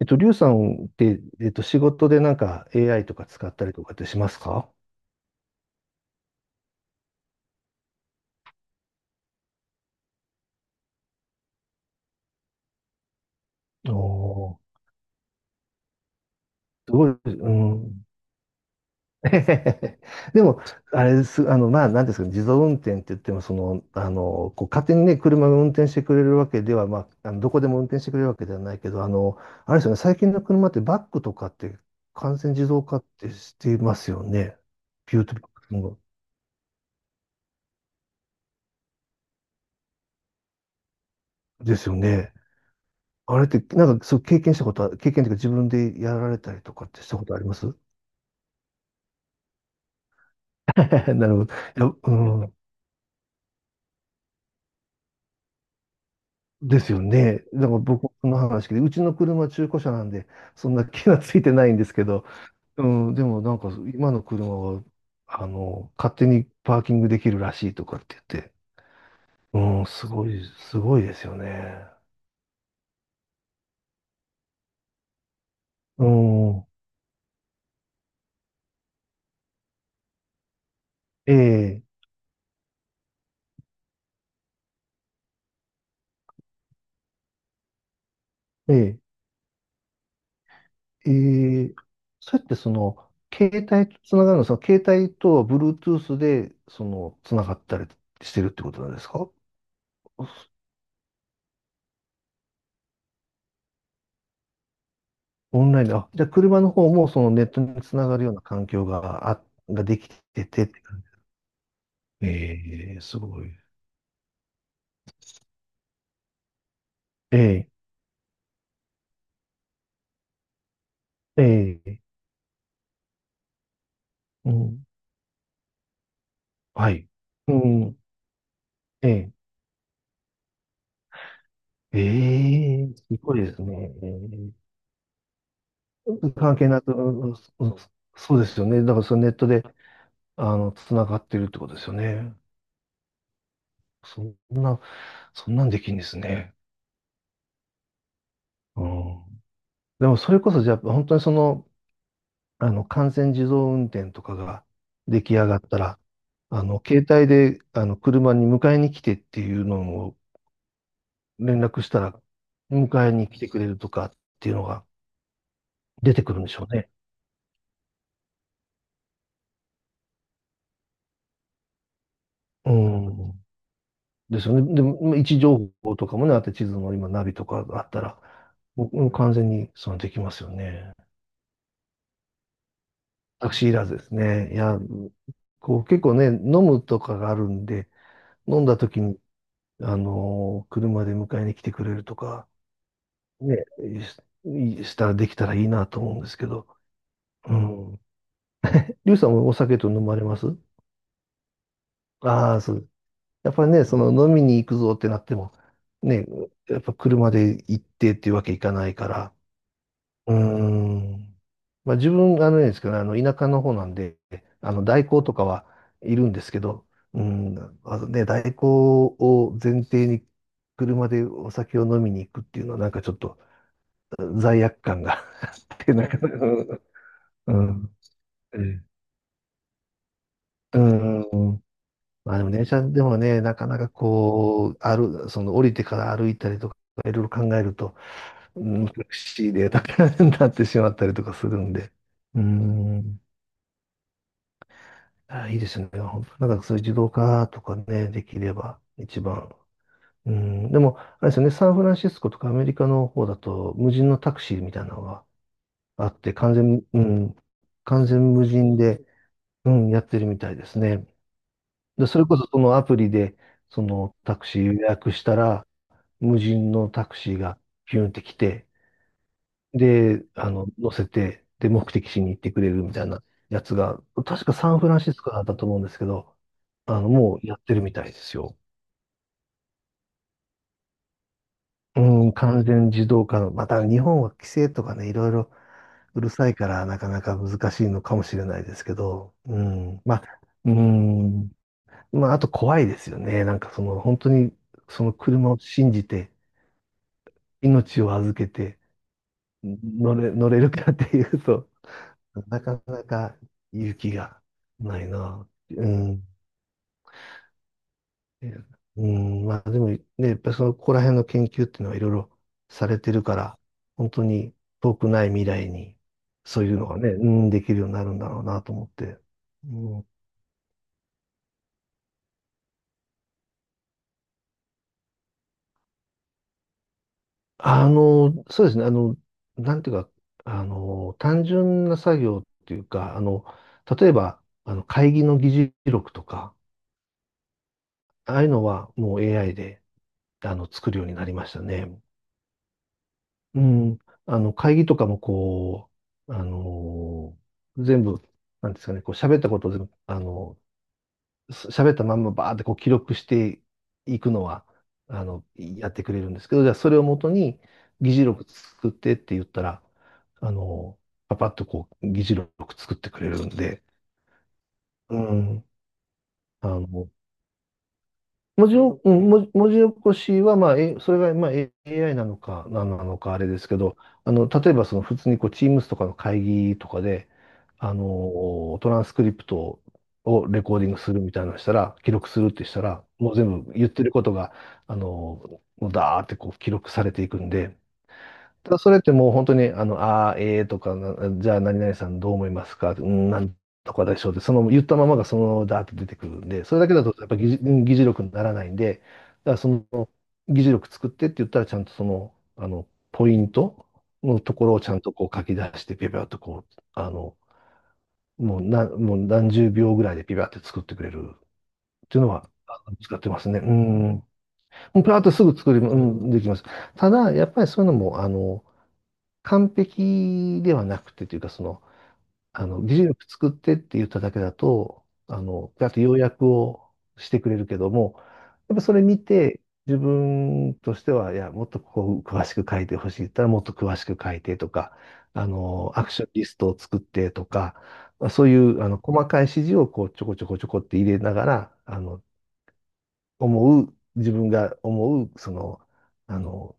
リュウさんって、仕事でなんか AI とか使ったりとかってしますか？おおー、すごい、うん。でも、あれです、なんですかね、自動運転って言っても、勝手にね、車が運転してくれるわけでは、まあ、あのどこでも運転してくれるわけではないけど、あれですよね、最近の車ってバックとかって完全自動化ってしていますよね。ビュートバックですよね。あれって、なんか、そう、経験したことは、経験というか自分でやられたりとかってしたことあります？ なるほど。いや、うん。ですよね。だから僕もその話で、うちの車中古車なんで、そんな気がついてないんですけど、うん、でもなんか今の車は、あの、勝手にパーキングできるらしいとかって言って、うん、すごい、すごいですよね。うん、ええ、ええ、ええ、そうやってその、携帯とつながるの、その携帯とは Bluetooth で、その、つながったりしてるってことなんですか？オンラインで、あ、じゃあ車の方もそのネットにつながるような環境が、あ、ができててって感じ。ええすごい。ええええうん、はい。うん、ええええすごいですね。ええ関係なく、うんうんうん、そうですよね。だからそのネットで、あの、つながってるってことですよね。そんな、そんなんできんですね。うん。でもそれこそじゃあ、本当に、完全自動運転とかが出来上がったら、携帯で、あの、車に迎えに来てっていうのを連絡したら、迎えに来てくれるとかっていうのが出てくるんでしょうね。うん。ですよね。でも、位置情報とかもね、あって地図の今ナビとかがあったら、もう完全にそのできますよね。タクシーいらずですね。いや、こう結構ね、飲むとかがあるんで、飲んだ時に、あのー車で迎えに来てくれるとか、ね、しいしたらできたらいいなと思うんですけど。うん。リュウさんもお酒と飲まれます？ああそう。やっぱりね、その飲みに行くぞってなっても、ね、やっぱ車で行ってっていうわけいかないから。うーん。まあ自分、あのねですけどね、あの、田舎の方なんで、あの、代行とかはいるんですけど、うん、まあのね、代行を前提に車でお酒を飲みに行くっていうのはなんかちょっと罪悪感が あって、なんか、うん、ええ、うん。まあでも電車でもね、なかなかこう、歩、その降りてから歩いたりとか、いろいろ考えると、うん、難しいデータに なってしまったりとかするんで。うん。あ、いいですね。本当なんかそういう自動化とかね、できれば一番。うん。でも、あれですよね、サンフランシスコとかアメリカの方だと、無人のタクシーみたいなのがあって、完全、うん、完全無人で、うん、やってるみたいですね。で、それこそそのアプリで、そのタクシー予約したら、無人のタクシーがピュンって来て、で、あの、乗せて、で、目的地に行ってくれるみたいなやつが、確かサンフランシスコだったと思うんですけど、あの、もうやってるみたいですよ。うん、完全自動化の、また日本は規制とかね、いろいろうるさいから、なかなか難しいのかもしれないですけど、うん、まあ、あと怖いですよね。なんかその、本当に、その車を信じて、命を預けて乗れるかっていうと なかなか勇気がないな。うん。えうん、まあでもね、やっぱりそのここら辺の研究っていうのはいろいろされてるから、本当に遠くない未来に、そういうのがね、うん、できるようになるんだろうなと思って。うん、そうですね、なんていうか、単純な作業っていうか、あの、例えば、あの、会議の議事録とか、ああいうのはもう AI であの作るようになりましたね。うん。あの、会議とかもこう、あのー全部、なんですかね、こう喋ったことを全部、あのす喋ったまんまバーってこう記録していくのは、あの、やってくれるんですけど、じゃあそれをもとに議事録作ってって言ったら、あのパパッとこう議事録作ってくれるんで、うん。あの文字を、うん文字起こしは、まあ、えそれが、まあ、AI なのか、何なのか、あれですけど、あの、例えば、その、普通に、こう、Teams とかの会議とかで、あの、トランスクリプトをレコーディングするみたいなのしたら、記録するってしたら、もう全部言ってることが、あの、もうダーってこう記録されていくんで、ただそれってもう本当に、あの、あー、ええーとかな、じゃあ何々さんどう思いますか、うん、なんとかでしょうって、その言ったままがそのままだーって出てくるんで、それだけだとやっぱり議事力にならないんで、だからその議事力作ってって言ったらちゃんとその、あの、ポイントのところをちゃんとこう書き出して、ピュピュッとこう、あの、もう何十秒ぐらいでピュピュッて作ってくれるっていうのは、あの使ってますね。うん。もうピーッとすぐ作り、うん、できます。ただ、やっぱりそういうのも、あの、完璧ではなくてというか、その、あの、技術力作ってって言っただけだと、あの、あと要約をしてくれるけども、やっぱそれ見て、自分としては、いや、もっとここ詳しく書いてほしいって言ったら、もっと詳しく書いてとか、あの、アクションリストを作ってとか、まあそういう、あの、細かい指示をこう、ちょこちょこちょこって入れながら、あの、自分が思う、その、あの、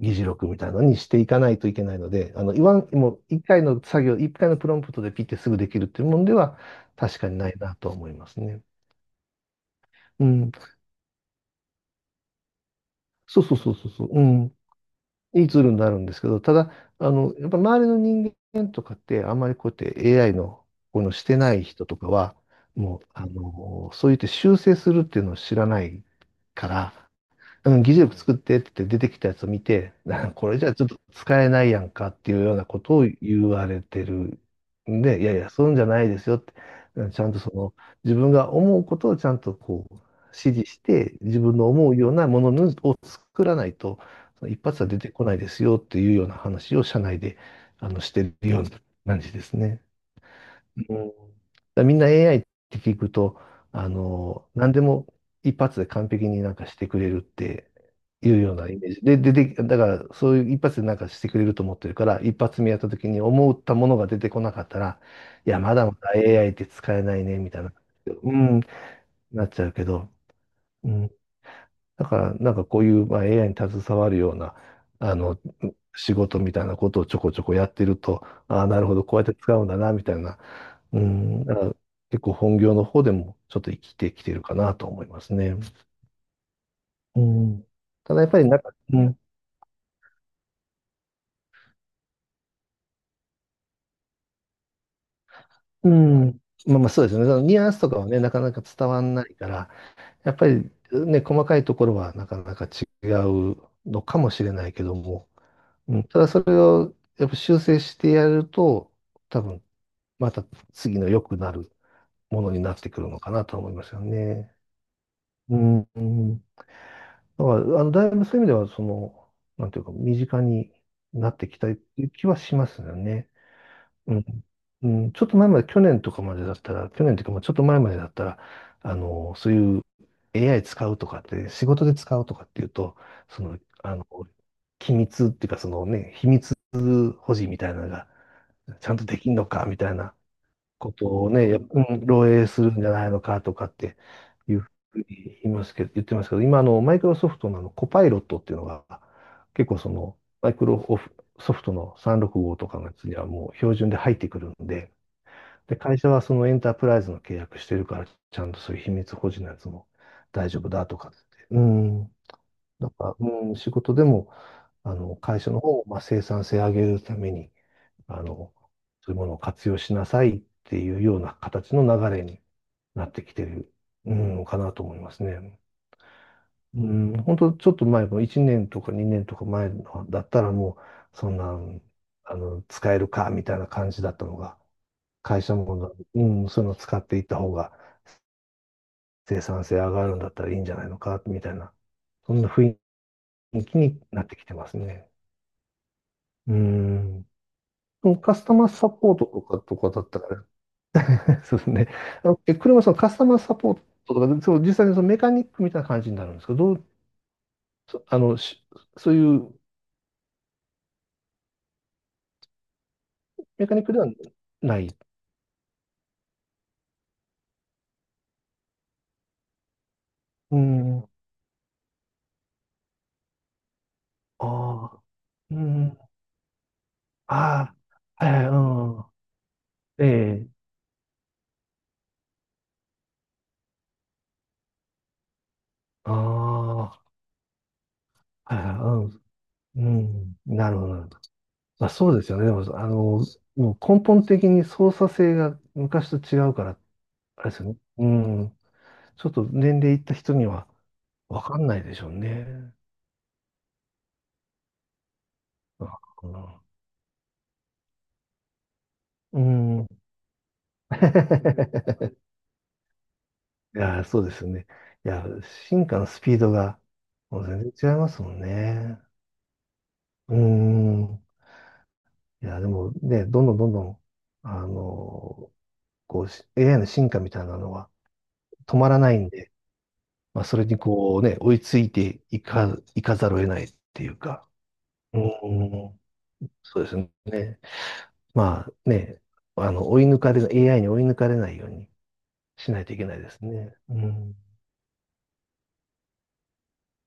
議事録みたいなのにしていかないといけないので、あの、言わん、もう一回の作業、一回のプロンプトでピッてすぐできるっていうもんでは確かにないなと思いますね。うん。そうそうそうそうそう。うん。いいツールになるんですけど、ただ、やっぱ周りの人間とかって、あんまりこうやって AI のこういうのしてない人とかは、もう、そう言って修正するっていうのを知らないから、うん、議事録作ってって出てきたやつを見て、これじゃちょっと使えないやんかっていうようなことを言われてるんで、いやいや、そういうんじゃないですよって、うん、ちゃんとその自分が思うことをちゃんとこう指示して、自分の思うようなものを作らないと、その一発は出てこないですよっていうような話を社内でしてるような感じですね。うん、だからみんな AI って聞くと、何でも一発で完璧になんかしてくれるっていうようなイメージ。で、で、で、だからそういう一発でなんかしてくれると思ってるから、一発目やった時に思ったものが出てこなかったら、いや、まだまだ AI って使えないね、みたいな、うん、なっちゃうけど、うん。だから、なんかこういう、まあ、AI に携わるような、あの、仕事みたいなことをちょこちょこやってると、ああ、なるほど、こうやって使うんだな、みたいな、うん、だから結構本業の方でもちょっと生きてきてるかなと思いますね。うん、ただやっぱりなんか、うまあまあそうですよね。そのニュアンスとかはね、なかなか伝わんないから、やっぱりね、細かいところはなかなか違うのかもしれないけども、うん、ただそれをやっぱ修正してやると、多分また次の良くなるものになってくるのかなと思いますよね。うん。だから、だいぶそういう意味では、その、なんていうか、身近になってきたっていう気はしますよね。うん。うん、ちょっと前まで、去年とかまでだったら、去年というか、まあちょっと前までだったら、そういう AI 使うとかって、仕事で使うとかっていうと、その、あの、機密っていうか、そのね、秘密保持みたいなのが、ちゃんとできんのかみたいなことをね、やっうん漏洩するんじゃないのかとかっていうふうに言いますけど、言ってますけど、今あのマイクロソフトのあのコパイロットっていうのが、結構そのマイクロソフトの365とかのやつにはもう標準で入ってくるんで、で、会社はそのエンタープライズの契約してるから、ちゃんとそういう秘密保持のやつも大丈夫だとかって。うん。なんか、うん、仕事でも、会社の方をまあ生産性上げるために、あの、そういうものを活用しなさいっていうような形の流れになってきてる、うん、かなと思いますね。うん、本当ちょっと前の1年とか2年とか前のだったらもう、そんな、使えるかみたいな感じだったのが、会社も、うん、そういうのを使っていった方が生産性上がるんだったらいいんじゃないのか、みたいな、そんな雰囲気になってきてますね。うん。カスタマーサポートとかとかだったら、そうですね。車はそのカスタマーサポートとか、その実際にそのメカニックみたいな感じになるんですけど、どう、そあの、しそういうメカニックではない。うん。ああ、うん。ああ、はいはい、うん。ええ、ああ、はいはい、うん。うん。なるほど、なるほど。まあ、そうですよね。でも、もう根本的に操作性が昔と違うから、あれですよね。うん。ちょっと年齢いった人には分かんないでしょうね。うん、うん。いやー、そうですよね。いやー、進化のスピードがもう全然違いますもんね。うーん。いやー、でもね、どんどんどんどん、あの、こう、AI の進化みたいなのは止まらないんで、まあ、それにこうね、追いついていか、いかざるを得ないっていうか、うーん、そうですね。まあね、あの、追い抜かれ、AI に追い抜かれないようにしないといけないですね。うん